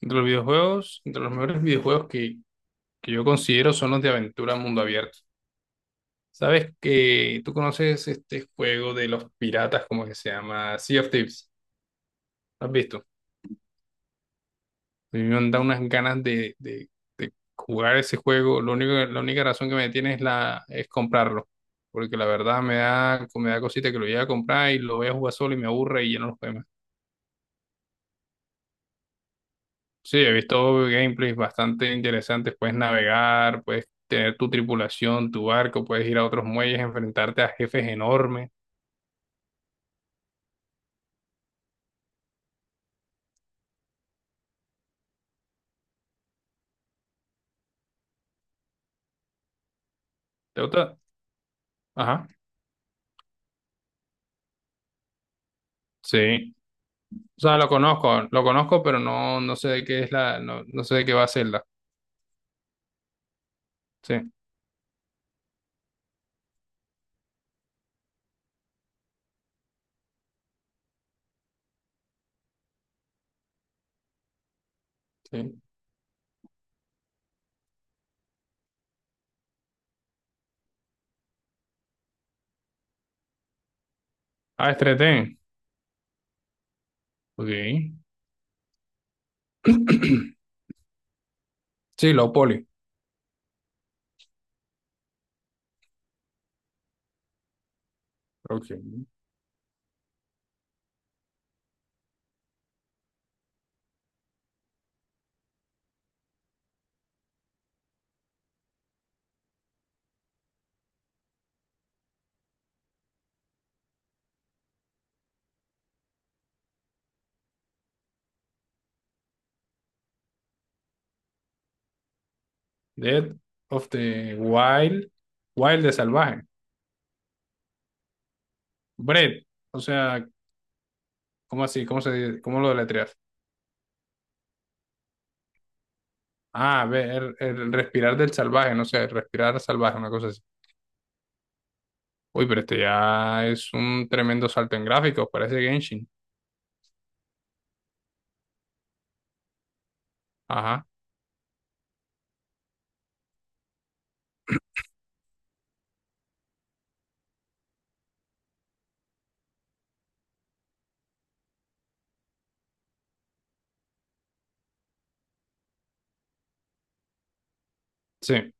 Entre los videojuegos, entre los mejores videojuegos que yo considero son los de aventura mundo abierto. ¿Sabes que tú conoces este juego de los piratas, como que se llama Sea of Thieves? ¿Lo has visto? A mí me da unas ganas de jugar ese juego. Lo único, la única razón que me detiene es comprarlo. Porque la verdad me da cosita que lo llegue a comprar y lo voy a jugar solo y me aburre y ya no lo juego. Sí, he visto gameplays bastante interesantes. Puedes navegar, puedes tener tu tripulación, tu barco, puedes ir a otros muelles, enfrentarte a jefes enormes. ¿Te gusta? Ajá. Sí. O sea, lo conozco, pero no, no sé de qué es la, no, no sé de qué va a ser la. Sí, sí. Ah, Estreten. Ok. Sí, lo poli. Ok. Dead of the Wild. Wild de salvaje. Bread. O sea, ¿cómo así? ¿Cómo se dice? ¿Cómo lo deletreas? Ah, ver, el respirar del salvaje, no sé, respirar salvaje, una cosa así. Uy, pero este ya es un tremendo salto en gráficos, parece Genshin. Ajá, sí.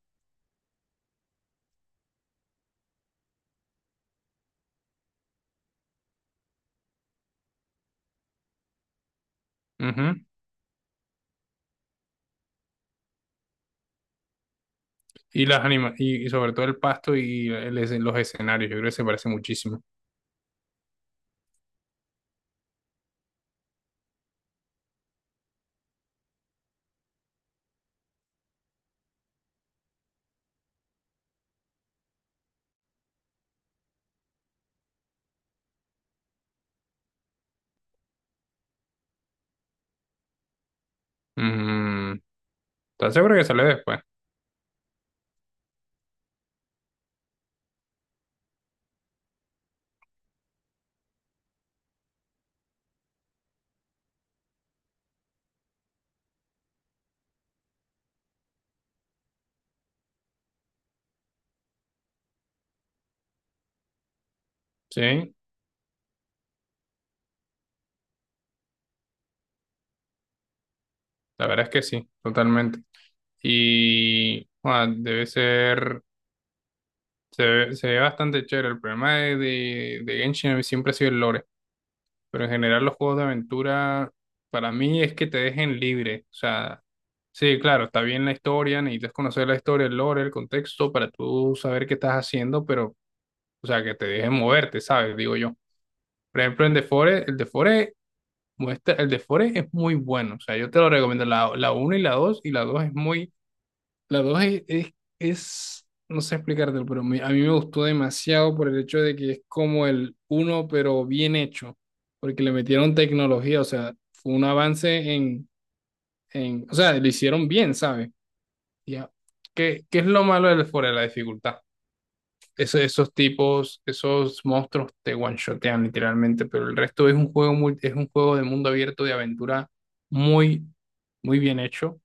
Ujú. Y las anima y sobre todo el pasto y el los escenarios, yo creo que se parece muchísimo. Mm, ¿estás seguro que sale después? Sí, la verdad es que sí, totalmente. Y bueno, debe ser, se ve bastante chévere. El problema de Genshin siempre ha sido el lore. Pero en general los juegos de aventura para mí es que te dejen libre. O sea, sí, claro, está bien la historia, necesitas conocer la historia, el lore, el contexto para tú saber qué estás haciendo, pero, o sea, que te dejen moverte, ¿sabes? Digo yo. Por ejemplo, en The Forest, el The Forest es muy bueno. O sea, yo te lo recomiendo. La uno y la 2 y la dos es, no sé explicártelo, pero a mí me gustó demasiado por el hecho de que es como el uno pero bien hecho, porque le metieron tecnología, o sea, fue un avance en, o sea, lo hicieron bien, ¿sabes? Ya. ¿Qué es lo malo del fuera de la dificultad? Esos tipos, esos monstruos te one-shotean literalmente, pero el resto es un juego muy, es un juego de mundo abierto, de aventura muy, muy bien hecho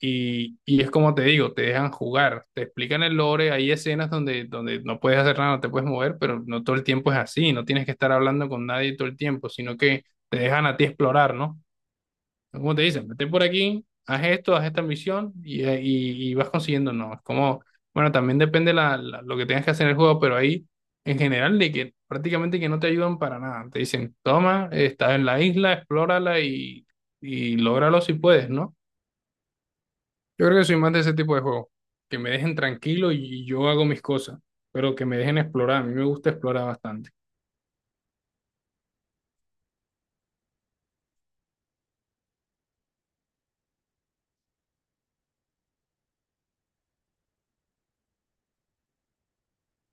y es como te digo, te dejan jugar, te explican el lore, hay escenas donde, donde no puedes hacer nada, no te puedes mover, pero no todo el tiempo es así, no tienes que estar hablando con nadie todo el tiempo, sino que te dejan a ti explorar, ¿no? Como te dicen, vete por aquí, haz esto, haz esta misión y vas consiguiendo, ¿no? Es como, bueno, también depende la, lo que tengas que hacer en el juego, pero ahí en general de que prácticamente que no te ayudan para nada, te dicen, toma, estás en la isla, explórala y lógralo si puedes, ¿no? Yo creo que soy más de ese tipo de juegos, que me dejen tranquilo y yo hago mis cosas, pero que me dejen explorar. A mí me gusta explorar bastante.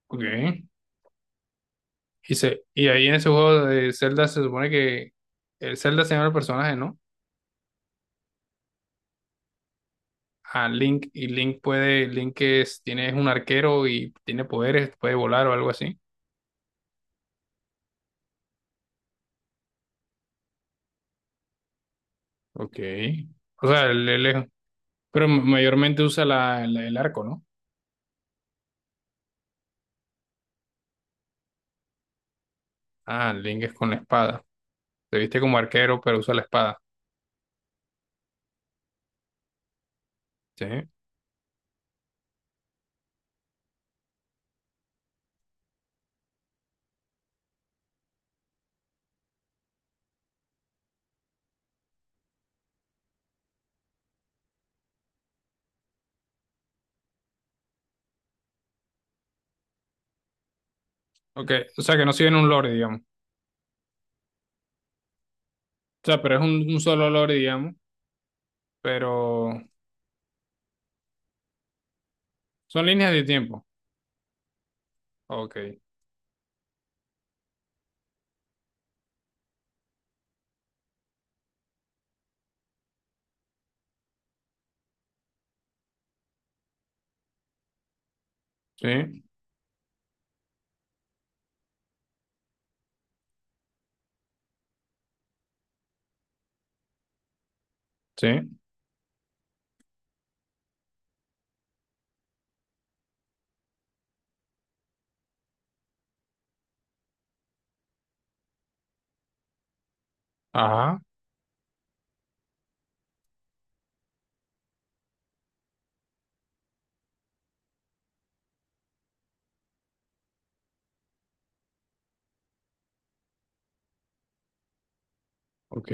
Ok. Y ahí en ese juego de Zelda se supone que el Zelda se llama el personaje, ¿no? A Link, y Link puede, Link es, tiene, es un arquero y tiene poderes, puede volar o algo así. Ok. O sea, él pero mayormente usa el arco, ¿no? Ah, Link es con la espada. Se viste como arquero, pero usa la espada. Sí. Ok, o sea que no siguen un lore, digamos. O sea, pero es un solo lore, digamos, pero son líneas de tiempo. Ok, sí, sí, ajá, ok,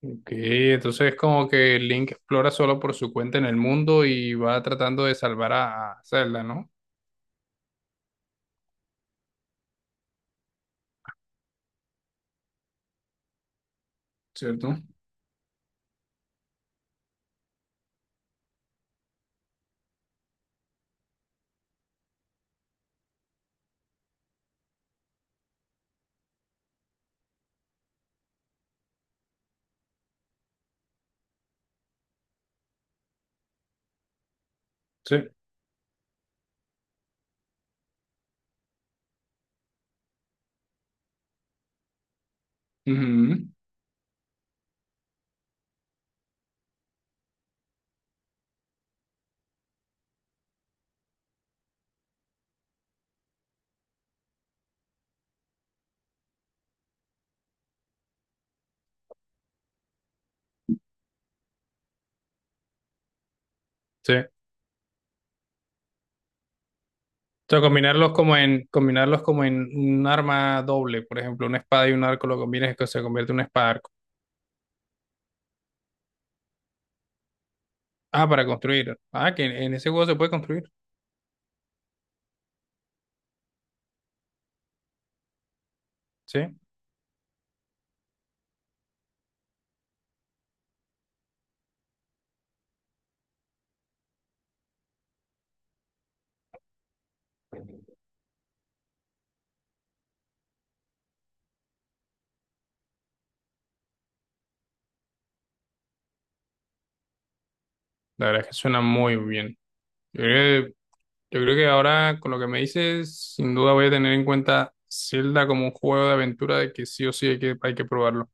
ok. Entonces es como que Link explora solo por su cuenta en el mundo y va tratando de salvar a Zelda, ¿no? ¿Cierto? Sí. Ujú, Sí. O sea, combinarlos como en un arma doble, por ejemplo, una espada y un arco lo combinas y que se convierte en un espada arco. Ah, para construir. Ah, que en ese juego se puede construir. Sí. La verdad es que suena muy bien. Eh, Yo creo que ahora, con lo que me dices, sin duda voy a tener en cuenta Zelda como un juego de aventura de que sí o sí hay que probarlo.